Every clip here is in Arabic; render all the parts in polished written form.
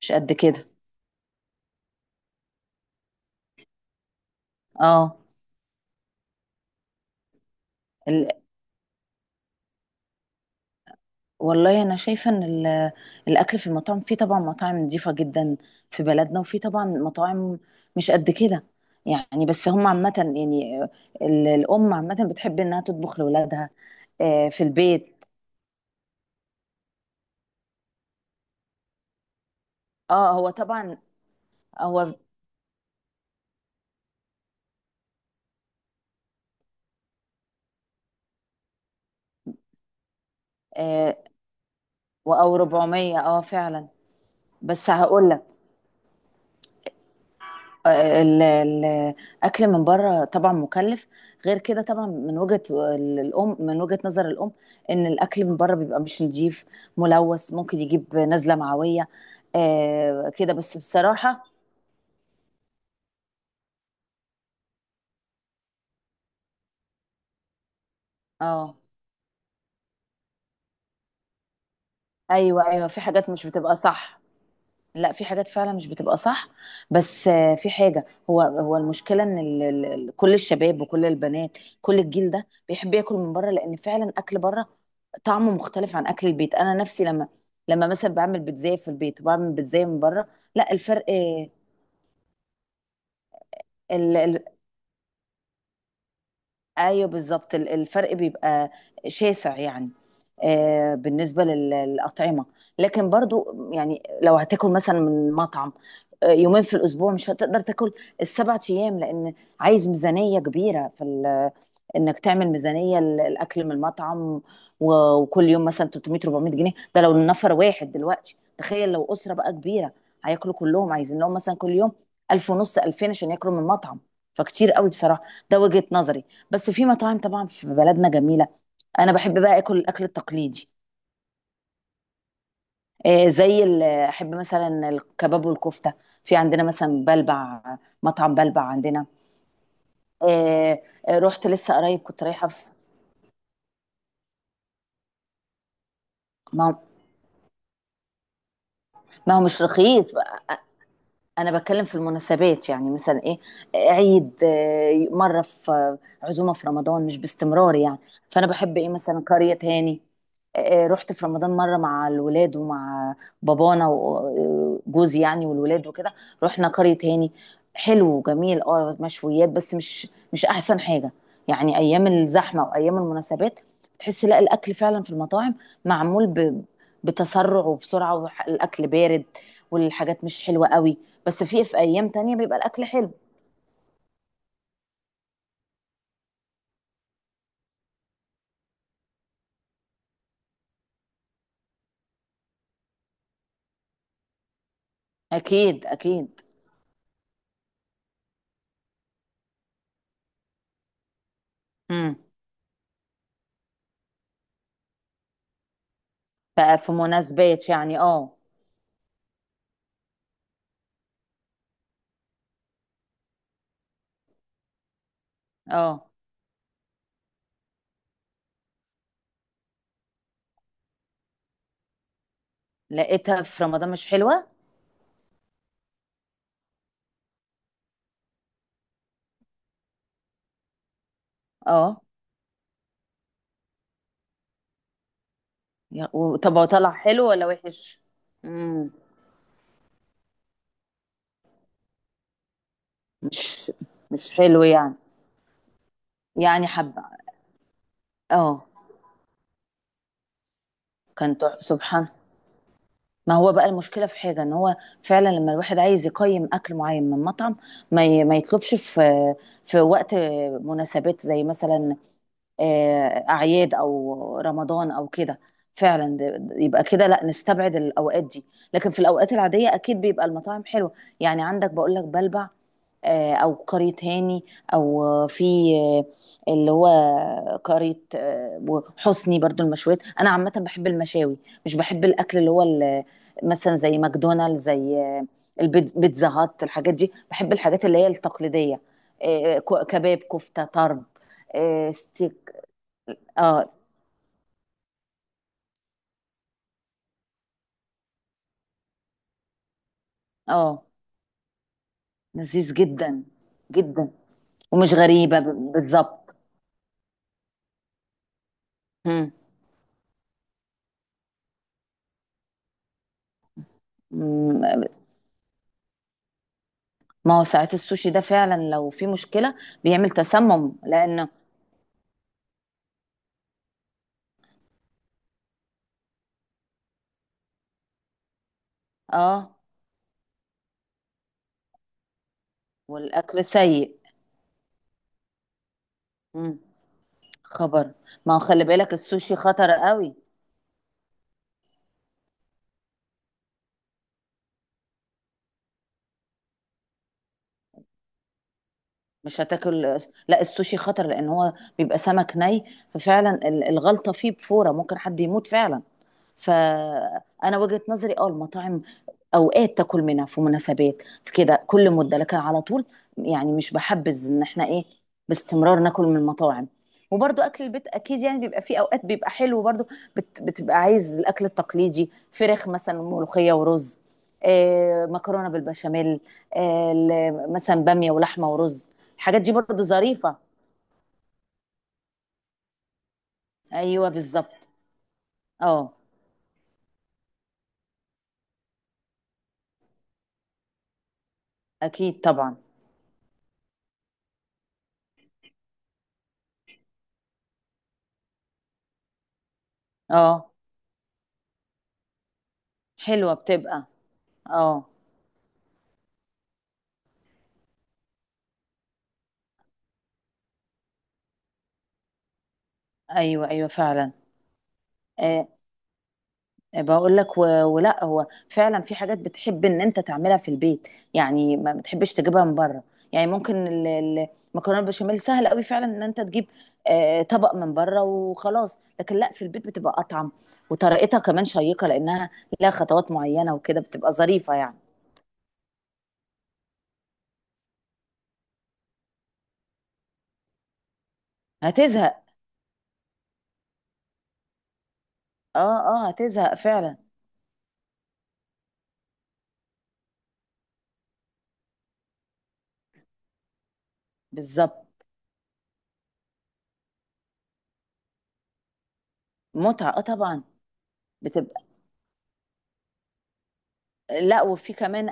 مش قد كده. اه. ال... والله انا شايفه ان الاكل في المطاعم، في طبعا مطاعم نظيفه جدا في بلدنا، وفي طبعا مطاعم مش قد كده يعني. بس هم عامه يعني الام عامه بتحب انها تطبخ لاولادها آه في البيت. اه هو طبعا. هو آه او 400، اه فعلا. بس هقول لك، ال- ال- الاكل من بره طبعا مكلف. غير كده طبعا من وجهه نظر الام، ان الاكل من بره بيبقى مش نظيف، ملوث، ممكن يجيب نزله معويه. آه كده بس بصراحه. اه، ايوه ايوه، في حاجات مش بتبقى صح. لا، في حاجات فعلا مش بتبقى صح. بس في حاجه، هو المشكله ان كل الشباب وكل البنات كل الجيل ده بيحب ياكل من بره. لان فعلا اكل بره طعمه مختلف عن اكل البيت. انا نفسي لما مثلا بعمل بيتزاية في البيت وبعمل بيتزاية من بره، لا الفرق. ال... ال... ايوه بالظبط، الفرق بيبقى شاسع يعني. بالنسبة للأطعمة، لكن برضو يعني لو هتاكل مثلا من مطعم يومين في الأسبوع، مش هتقدر تاكل السبعة أيام، لأن عايز ميزانية كبيرة انك تعمل ميزانيه الاكل من المطعم. وكل يوم مثلا 300 400 جنيه، ده لو النفر واحد. دلوقتي تخيل لو اسره بقى كبيره، هياكلوا كلهم، عايزين لهم مثلا كل يوم 1000 ونص 2000 عشان ياكلوا من المطعم. فكتير قوي بصراحه. ده وجهه نظري. بس في مطاعم طبعا في بلدنا جميله. انا بحب بقى اكل الاكل التقليدي. احب مثلا الكباب والكفته. في عندنا مثلا بلبع، مطعم بلبع عندنا. آه، رحت لسه قريب، كنت رايحه ما. ما هو مش رخيص. انا بتكلم في المناسبات، يعني مثلا ايه، عيد، مره في عزومه في رمضان، مش باستمرار يعني. فانا بحب ايه، مثلا قريه هاني. رحت في رمضان مره مع الولاد ومع بابانا وجوزي، يعني والولاد وكده. رحنا قريه هاني. حلو وجميل اه، مشويات، بس مش احسن حاجه يعني. ايام الزحمه وايام المناسبات تحس لا، الاكل فعلا في المطاعم معمول بتسرع وبسرعه، والاكل بارد والحاجات مش حلوه قوي. بس في ايام تانية بيبقى الاكل حلو. اكيد اكيد. امم ففي مناسبات يعني، اه. اه، لقيتها في رمضان مش حلوة. اه، طب هو طلع حلو ولا وحش؟ امم مش حلو يعني. يعني حبة. اه كان سبحان. ما هو بقى المشكلة في حاجة، ان هو فعلا لما الواحد عايز يقيم اكل معين من مطعم، ما يطلبش في وقت مناسبات، زي مثلا اعياد او رمضان او كده. فعلا يبقى كده لا نستبعد الاوقات دي. لكن في الاوقات العاديه اكيد بيبقى المطاعم حلوه. يعني عندك بقول لك بلبع، او قرية هاني، او آه، في آه، اللي هو قرية، وحسني برضو. المشويات انا عامه بحب المشاوي، مش بحب الاكل اللي هو مثلا زي ماكدونالدز، زي بيتزا هات، الحاجات دي. بحب الحاجات اللي هي التقليديه، كباب كفته طرب، ستيك. اه اه، لذيذ جدا جدا، ومش غريبة بالظبط. مم. مم. ما هو ساعات السوشي ده فعلا لو في مشكلة بيعمل تسمم، لأنه اه. والأكل سيء. مم. خبر. ما هو خلي بالك السوشي خطر قوي. مش هتاكل. لا السوشي خطر لأن هو بيبقى سمك ني، ففعلا الغلطة فيه بفورة ممكن حد يموت فعلا. فانا وجهة نظري اه، المطاعم اوقات تاكل منها في مناسبات، في كده كل مده، لكن على طول يعني مش بحبذ ان احنا ايه باستمرار ناكل من المطاعم. وبرضو اكل البيت اكيد يعني بيبقى فيه اوقات بيبقى حلو برضو. بتبقى عايز الاكل التقليدي، فراخ مثلا، ملوخيه ورز، آه مكرونه بالبشاميل، مثلا باميه ولحمه ورز. الحاجات دي برضو ظريفه. ايوه بالظبط. اه اكيد طبعا. اه حلوه بتبقى. اه ايوه ايوه فعلا. آه بقول لك، ولا هو فعلا في حاجات بتحب ان انت تعملها في البيت يعني. ما بتحبش تجيبها من بره يعني. ممكن المكرونه البشاميل سهل قوي فعلا ان انت تجيب طبق من بره وخلاص. لكن لا في البيت بتبقى اطعم، وطريقتها كمان شيقه، لانها لها خطوات معينه وكده، بتبقى ظريفه يعني. هتزهق. اه. اه هتزهق فعلا. بالظبط متعه اه طبعا. بتبقى. لا وفي كمان.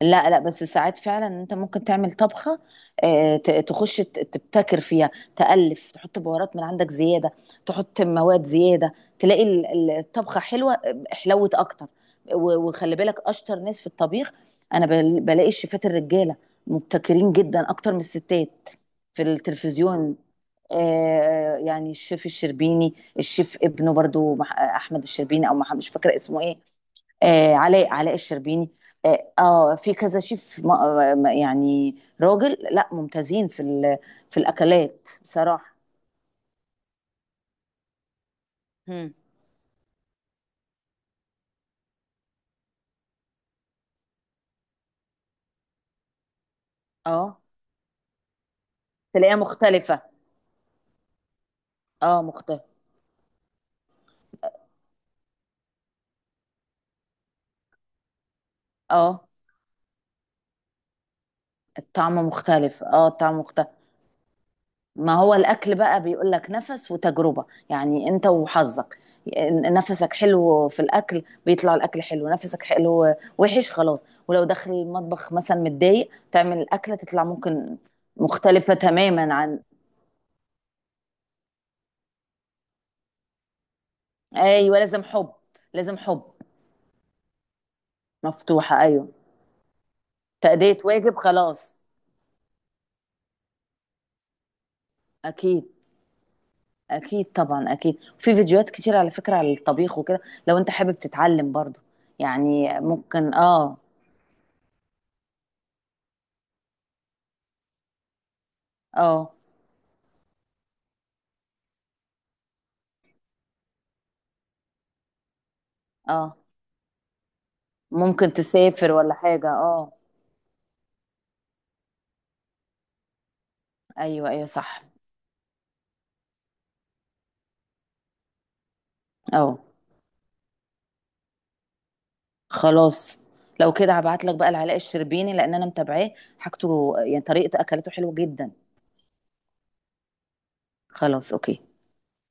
لا لا، بس ساعات فعلا انت ممكن تعمل طبخه، تخش تبتكر فيها، تألف، تحط بهارات من عندك زياده، تحط مواد زياده، تلاقي الطبخه حلوه حلوت اكتر. وخلي بالك اشطر ناس في الطبيخ. انا بلاقي الشيفات الرجاله مبتكرين جدا اكتر من الستات في التلفزيون. يعني الشيف الشربيني، الشيف ابنه برضو احمد الشربيني، او مش فاكره اسمه ايه. علاء الشربيني. اه، في كذا شيف يعني راجل، لا ممتازين في الاكلات بصراحه. هم. اه تلاقيها مختلفه. اه مختلف. اه الطعم مختلف. اه الطعم مختلف. ما هو الاكل بقى بيقول لك نفس وتجربه، يعني انت وحظك. نفسك حلو في الاكل بيطلع الاكل حلو، نفسك حلو وحش خلاص، ولو داخل المطبخ مثلا متضايق تعمل الاكله تطلع ممكن مختلفة تماما عن. ايوه، لازم حب، لازم حب. مفتوحه ايوه. تأدية واجب خلاص. اكيد. اكيد طبعا. اكيد في فيديوهات كتير على فكره على الطبيخ وكده، لو انت حابب تتعلم برضو يعني ممكن اه. اه اه، ممكن تسافر ولا حاجه اه. ايوه ايوه صح. اه خلاص، لو كده هبعت لك بقى لعلاء الشربيني لان انا متابعاه. حاجته يعني طريقته اكلته حلوه جدا. خلاص اوكي.